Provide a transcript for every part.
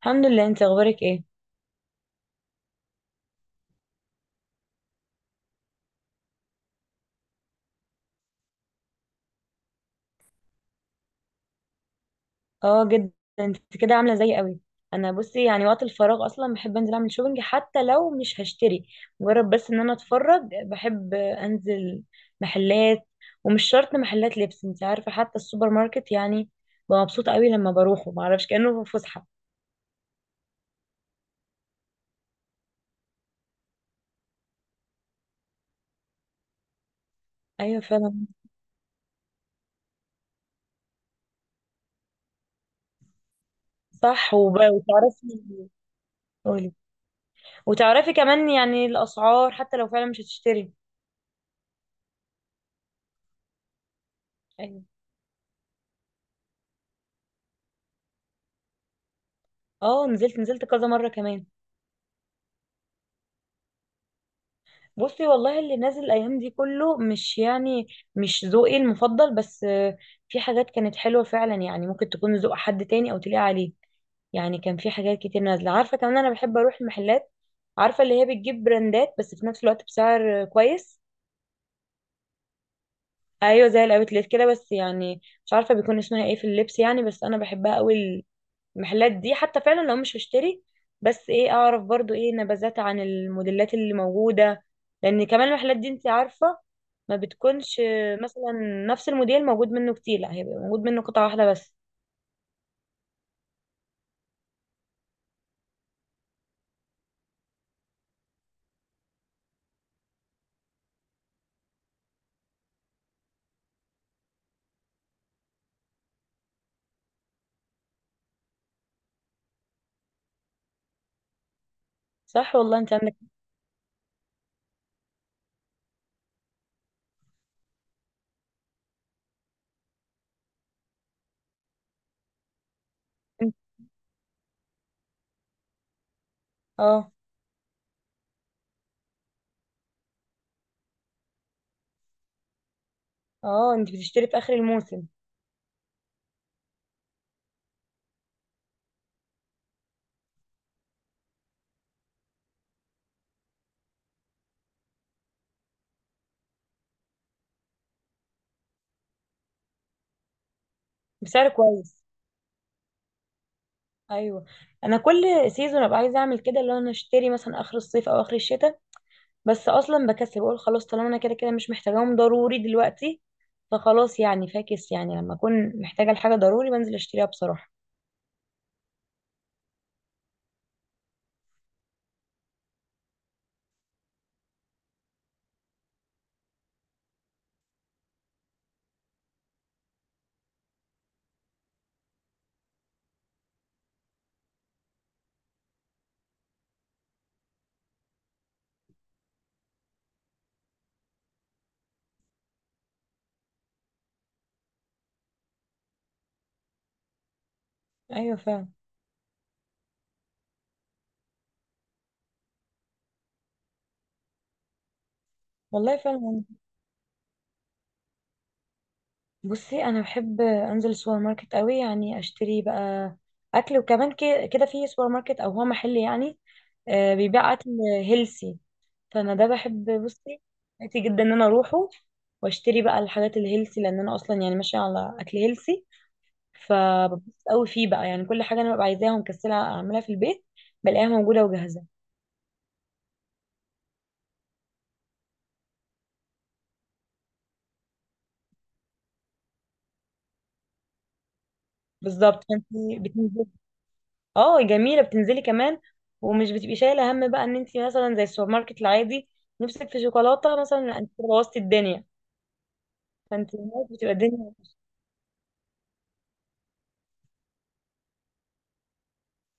الحمد لله. انت اخبارك ايه؟ اه جدا. انت كده عامله زي قوي. انا، بصي، يعني وقت الفراغ اصلا بحب انزل اعمل شوبينج حتى لو مش هشتري. مجرد بس ان انا اتفرج بحب انزل محلات. ومش شرط محلات لبس، انت عارفه، حتى السوبر ماركت يعني ببقى مبسوطه قوي لما بروحه، ما اعرفش، كانه في فسحه. ايوه فعلا. صح، وب- وتعرفي قولي. وتعرفي كمان يعني الاسعار حتى لو فعلا مش هتشتري. ايوه. اه، نزلت كذا مره كمان. بصي، والله اللي نازل الايام دي كله مش يعني مش ذوقي المفضل، بس في حاجات كانت حلوه فعلا، يعني ممكن تكون ذوق حد تاني او تليق عليه. يعني كان في حاجات كتير نازله، عارفه كمان انا بحب اروح المحلات، عارفه اللي هي بتجيب براندات بس في نفس الوقت بسعر كويس. ايوه زي الاوتلت كده، بس يعني مش عارفه بيكون اسمها ايه في اللبس، يعني بس انا بحبها قوي، المحلات دي، حتى فعلا لو مش هشتري، بس ايه اعرف برضو ايه نبذات عن الموديلات اللي موجودة. لان كمان المحلات دي انت عارفة ما بتكونش مثلا نفس الموديل موجود منه كتير، لا هيبقى موجود منه قطعة واحدة بس. صح والله، انت عندك. اه. اه، انت بتشتري في اخر الموسم بسعر كويس. ايوه، انا كل سيزون ابقى عايزه اعمل كده، اللي هو انا اشتري مثلا اخر الصيف او اخر الشتاء. بس اصلا بكسل، بقول خلاص طالما انا كده كده مش محتاجاهم ضروري دلوقتي، فخلاص يعني، فاكس يعني لما اكون محتاجه لحاجه ضروري بنزل اشتريها بصراحه. ايوه فعلا. والله فعلا. بصي، انا بحب انزل السوبر ماركت قوي، يعني اشتري بقى اكل، وكمان كده في سوبر ماركت او هو محل يعني بيبيع اكل هيلسي. فانا ده بحب، بصي، حياتي جدا ان انا اروحه واشتري بقى الحاجات الهيلسي، لان انا اصلا يعني ماشيه على اكل هيلسي. فببسط قوي فيه بقى، يعني كل حاجه انا ببقى عايزاها ومكسله اعملها في البيت بلاقيها موجوده وجاهزه. بالظبط. فانت بتنزلي. اه، جميله بتنزلي كمان، ومش بتبقي شايله هم بقى ان انت مثلا زي السوبر ماركت العادي نفسك في شوكولاته مثلا، لا، انت كده بوظتي الدنيا. فانت هناك بتبقى الدنيا.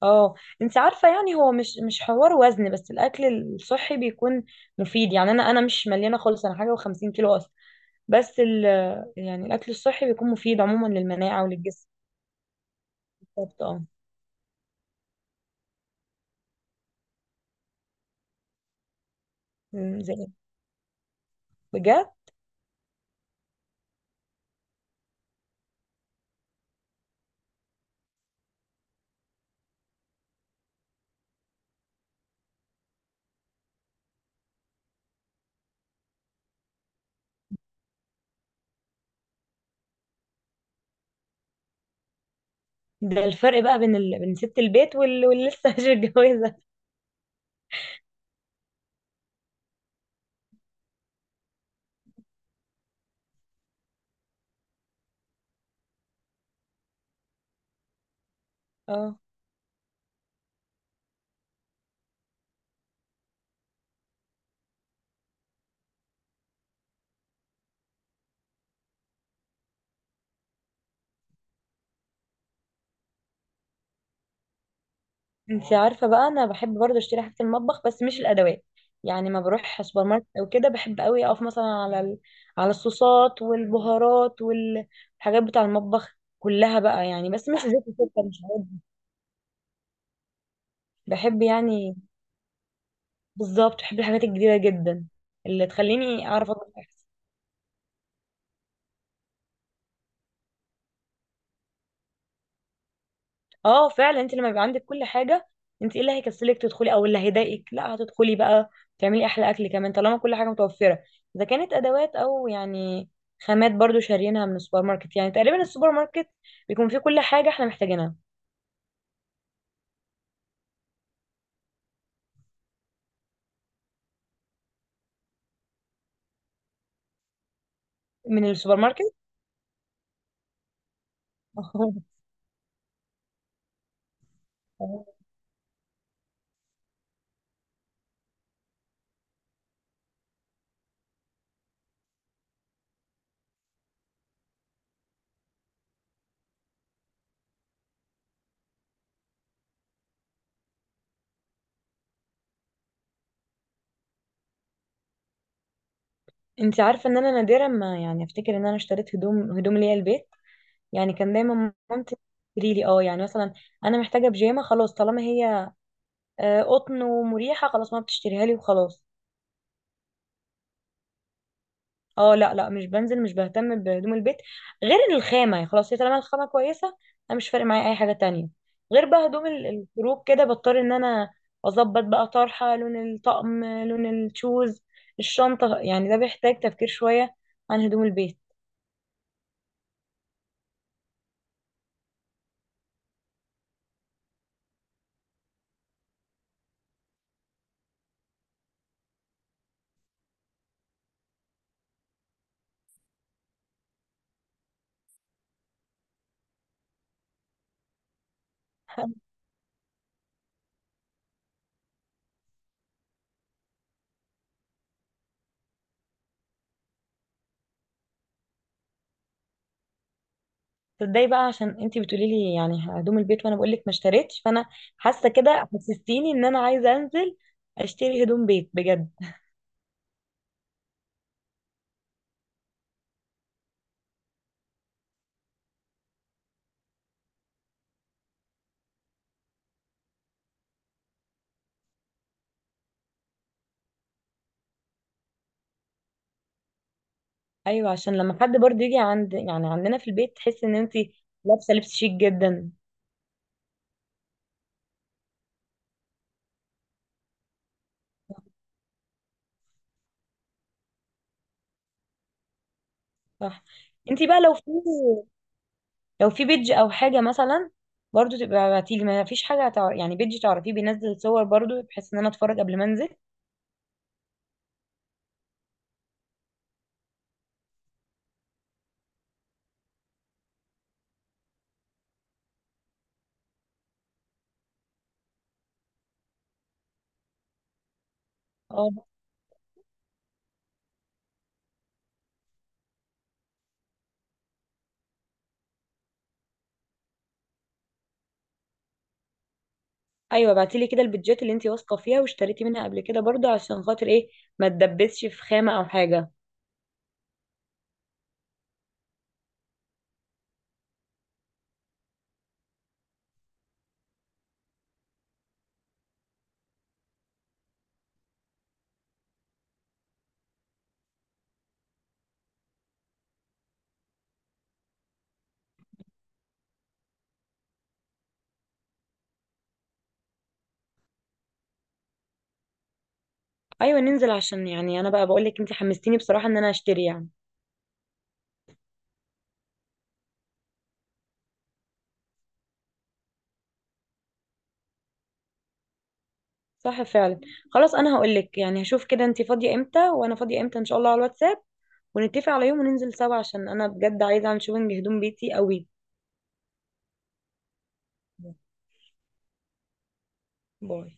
اه، انت عارفه يعني هو مش حوار وزن، بس الاكل الصحي بيكون مفيد. يعني انا مش مليانه خالص، انا حاجه و50 كيلو اصلا. بس ال يعني الاكل الصحي بيكون مفيد عموما للمناعه وللجسم. بالظبط، اه. مم، زي؟ بجد؟ ده الفرق بقى بين بين ست البيت واللي لسه مش متجوزه. اه، انت عارفه بقى انا بحب برضه اشتري حاجه المطبخ بس مش الادوات، يعني ما بروح سوبر ماركت او كده بحب قوي اقف مثلا على على الصوصات والبهارات والحاجات بتاع المطبخ كلها بقى، يعني بس مش زيت وسكر مش عارف. بحب يعني. بالظبط، بحب الحاجات الجديده جدا اللي تخليني اعرف اطبخ أحسن. اه فعلا، انت لما يبقى عندك كل حاجه، انت ايه اللي هيكسلك تدخلي او اللي هيضايقك؟ لا، هتدخلي بقى تعملي احلى اكل كمان طالما كل حاجه متوفره، اذا كانت ادوات او يعني خامات، برضو شاريينها من السوبر ماركت، يعني تقريبا السوبر ماركت بيكون فيه كل حاجه احنا محتاجينها. من السوبر ماركت. انت عارفه ان انا نادرا ما يعني افتكر ان انا اشتريت هدوم ليا البيت. يعني كان دايما مامتي تشتري لي، اه، يعني مثلا انا محتاجه بيجامه، خلاص طالما هي قطن ومريحه، خلاص ما بتشتريها لي وخلاص. اه، لا، لا، مش بنزل، مش بهتم بهدوم البيت غير الخامة، يعني خلاص هي طالما الخامة كويسة انا مش فارق معايا اي حاجة تانية. غير بقى هدوم الخروج، كده بضطر ان انا اظبط بقى طرحة، لون الطقم، لون الشوز، الشنطة، يعني ده بيحتاج تفكير شوية عن هدوم البيت. تصدقي بقى، عشان انتي بتقولي لي يعني هدوم البيت وانا بقول لك ما اشتريتش، فانا حاسة كده حسستيني ان انا عايزة انزل اشتري هدوم بيت بجد. ايوه، عشان لما حد برضه يجي عند، يعني عندنا في البيت، تحس ان انتي لابسه لبس شيك جدا. صح. انتي بقى لو في بيدج او حاجه مثلا، برضو تبقى ابعتيلي، ما فيش حاجه يعني بيدج تعرفيه بينزل صور برضو، بحيث ان انا اتفرج قبل ما انزل. اه. ايوه، ابعتيلي كده البيدجات اللي انتي واثقه فيها واشتريتي منها قبل كده، برضو عشان خاطر ايه؟ ما تدبسش في خامه او حاجه. ايوه ننزل، عشان يعني انا بقى بقول لك انتي حمستيني بصراحه ان انا اشتري يعني. صح فعلا. خلاص، انا هقول لك، يعني هشوف كده انتي فاضيه امتى وانا فاضيه امتى ان شاء الله على الواتساب، ونتفق على يوم وننزل سوا، عشان انا بجد عايزه اعمل شوبينج هدوم بيتي قوي. باي.